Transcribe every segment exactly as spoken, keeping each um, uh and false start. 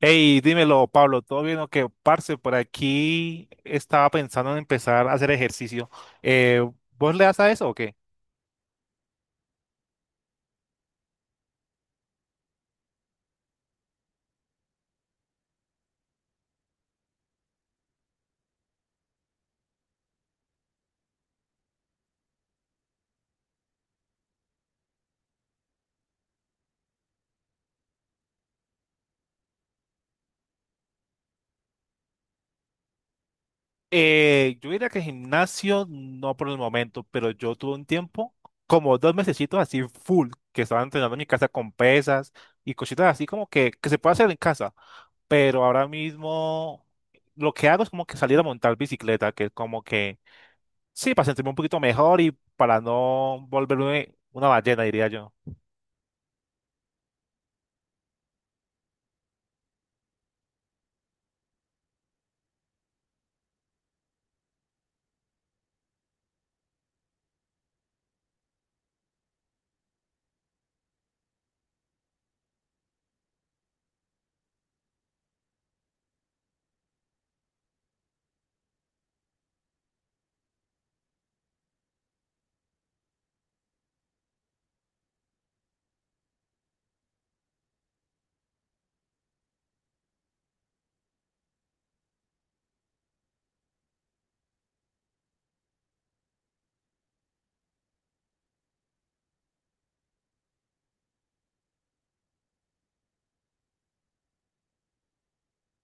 Hey, dímelo, Pablo, ¿todo bien o qué? Parce, por aquí estaba pensando en empezar a hacer ejercicio. Eh, ¿vos le das a eso o qué? Eh, yo diría que gimnasio no por el momento, pero yo tuve un tiempo, como dos mesecitos así full, que estaba entrenando en mi casa con pesas y cositas así como que, que se puede hacer en casa, pero ahora mismo lo que hago es como que salir a montar bicicleta, que es como que, sí, para sentirme un poquito mejor y para no volverme una ballena, diría yo.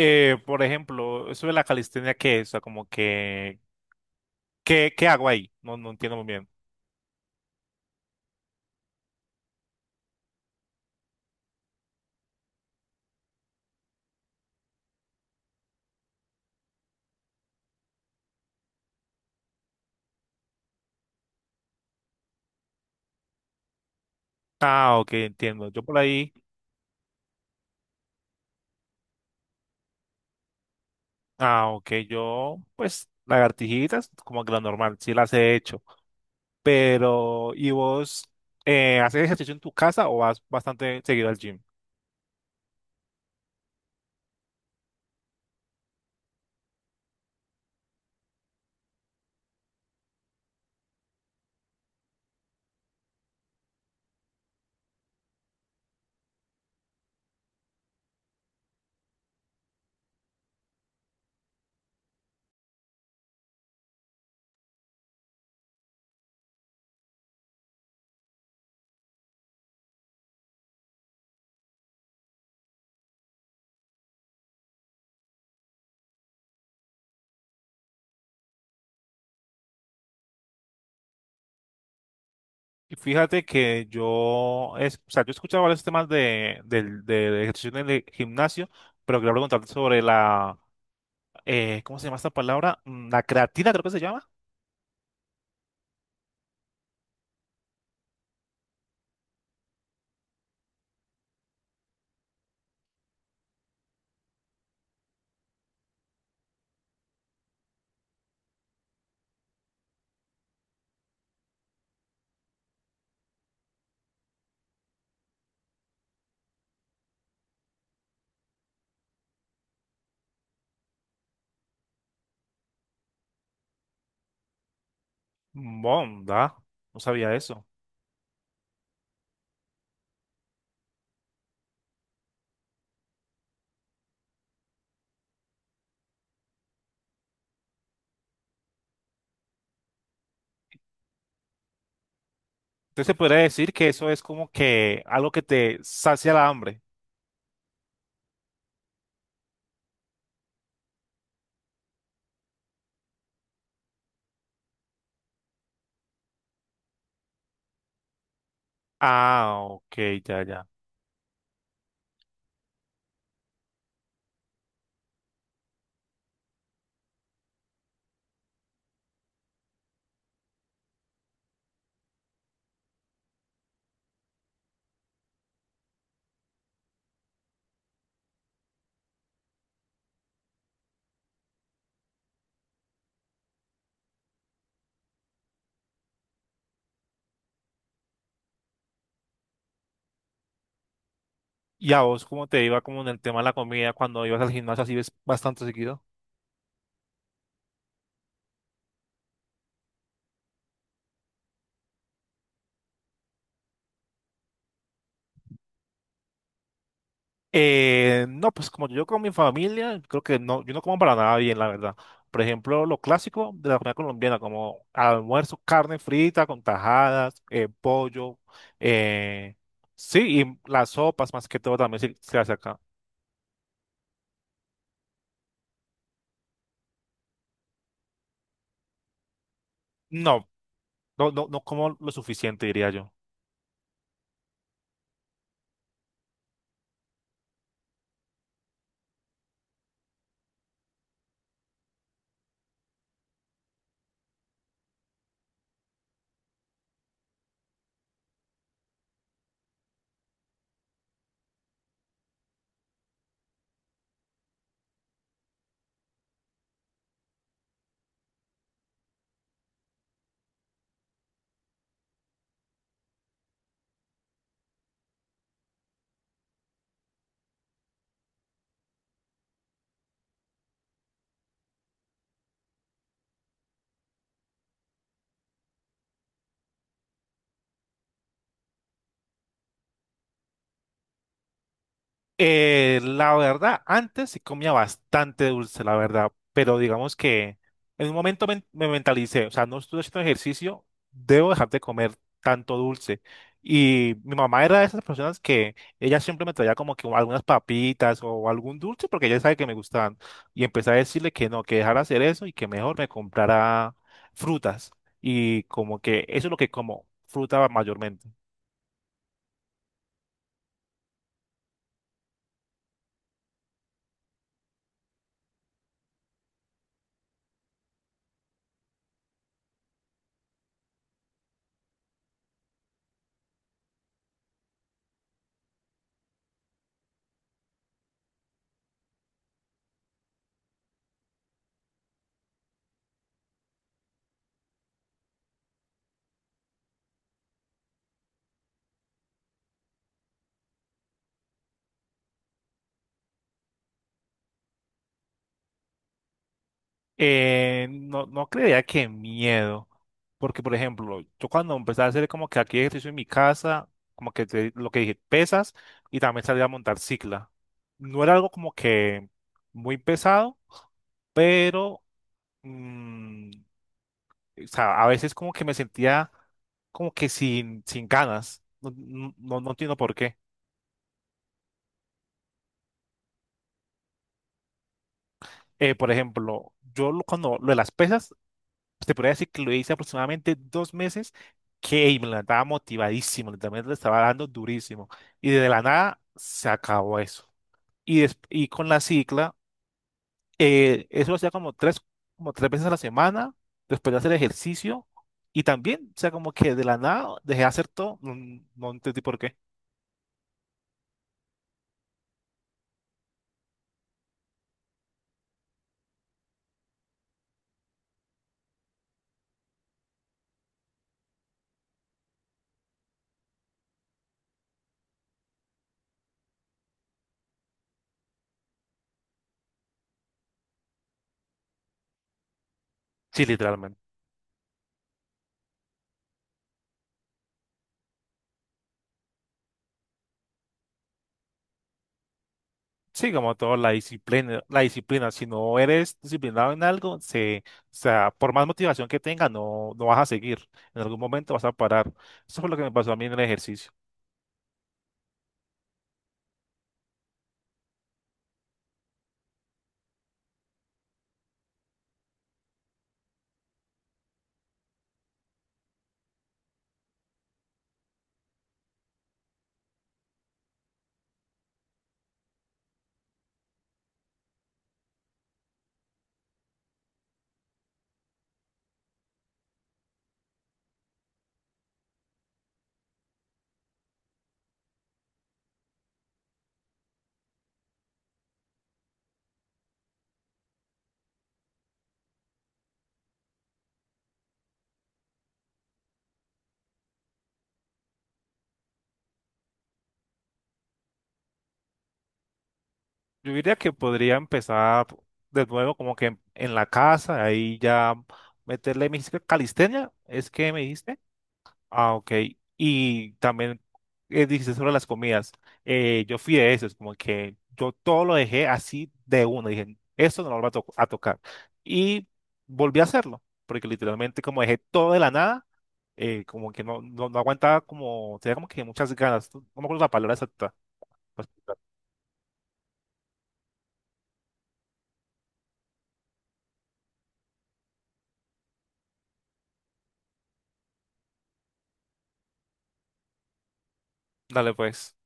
Eh, por ejemplo, eso de la calistenia, ¿qué es? O sea, como que, ¿qué, ¿qué hago ahí? No, no entiendo muy bien. Ah, ok, entiendo. Yo por ahí, ah, ok, yo, pues, lagartijitas, como que lo normal, sí las he hecho. Pero, ¿y vos eh, haces ejercicio en tu casa o vas bastante seguido al gym? Y fíjate que yo, es, o sea, yo he escuchado varios temas de, del del ejercicio en el gimnasio, pero quería preguntarte sobre la, eh, ¿cómo se llama esta palabra? Mm, La creatina, creo que se llama. Bonda, no sabía eso. Entonces se podría decir que eso es como que algo que te sacia la hambre. Ah, ok, ya, ya. ¿Y a vos cómo te iba como en el tema de la comida cuando ibas al gimnasio así ves bastante seguido? Eh, no, pues como yo con mi familia, creo que no, yo no como para nada bien, la verdad. Por ejemplo, lo clásico de la comida colombiana, como almuerzo, carne frita con tajadas, eh, pollo, eh, sí, y las sopas más que todo también se, se hace acá. No, no, no, no como lo suficiente, diría yo. Eh, la verdad, antes sí comía bastante dulce, la verdad, pero digamos que en un momento men- me mentalicé, o sea, no estoy haciendo ejercicio, debo dejar de comer tanto dulce. Y mi mamá era de esas personas que ella siempre me traía como que algunas papitas o algún dulce porque ella sabe que me gustaban. Y empecé a decirle que no, que dejara hacer eso y que mejor me comprara frutas. Y como que eso es lo que como, fruta mayormente. Eh, no, no creía que miedo, porque por ejemplo, yo cuando empecé a hacer como que aquí ejercicio en mi casa, como que te- lo que dije, pesas, y también salí a montar cicla. No era algo como que muy pesado, pero mm, o sea, a veces como que me sentía como que sin, sin ganas. No, no, no no entiendo por qué. Eh, por ejemplo, yo lo- cuando lo de las pesas pues, te podría decir que lo hice aproximadamente dos meses, que me levantaba motivadísimo, literalmente le estaba dando durísimo. Y de la nada se acabó eso. Y, des- y con la cicla, eh, eso lo hacía como tres, como tres veces a la semana, después de hacer ejercicio. Y también, o sea, como que de la nada dejé de hacer todo, no, no entendí por qué. Sí, literalmente. Sí, como todo, la disciplina, la disciplina, si no eres disciplinado en algo, se, o sea, por más motivación que tengas, no, no vas a seguir. En algún momento vas a parar. Eso fue lo que me pasó a mí en el ejercicio. Yo diría que podría empezar de nuevo como que en, en la casa, ahí ya meterle, me dijiste calistenia, ¿es que me dijiste? Ah, ok. Y también eh, dijiste sobre las comidas. Eh, yo fui de esos, como que yo todo lo dejé así de una. Dije, esto no lo voy a, to- a tocar. Y volví a hacerlo, porque literalmente como dejé todo de la nada, eh, como que no, no, no aguantaba como, tenía como que muchas ganas. No me acuerdo la palabra exacta. Pues, dale pues.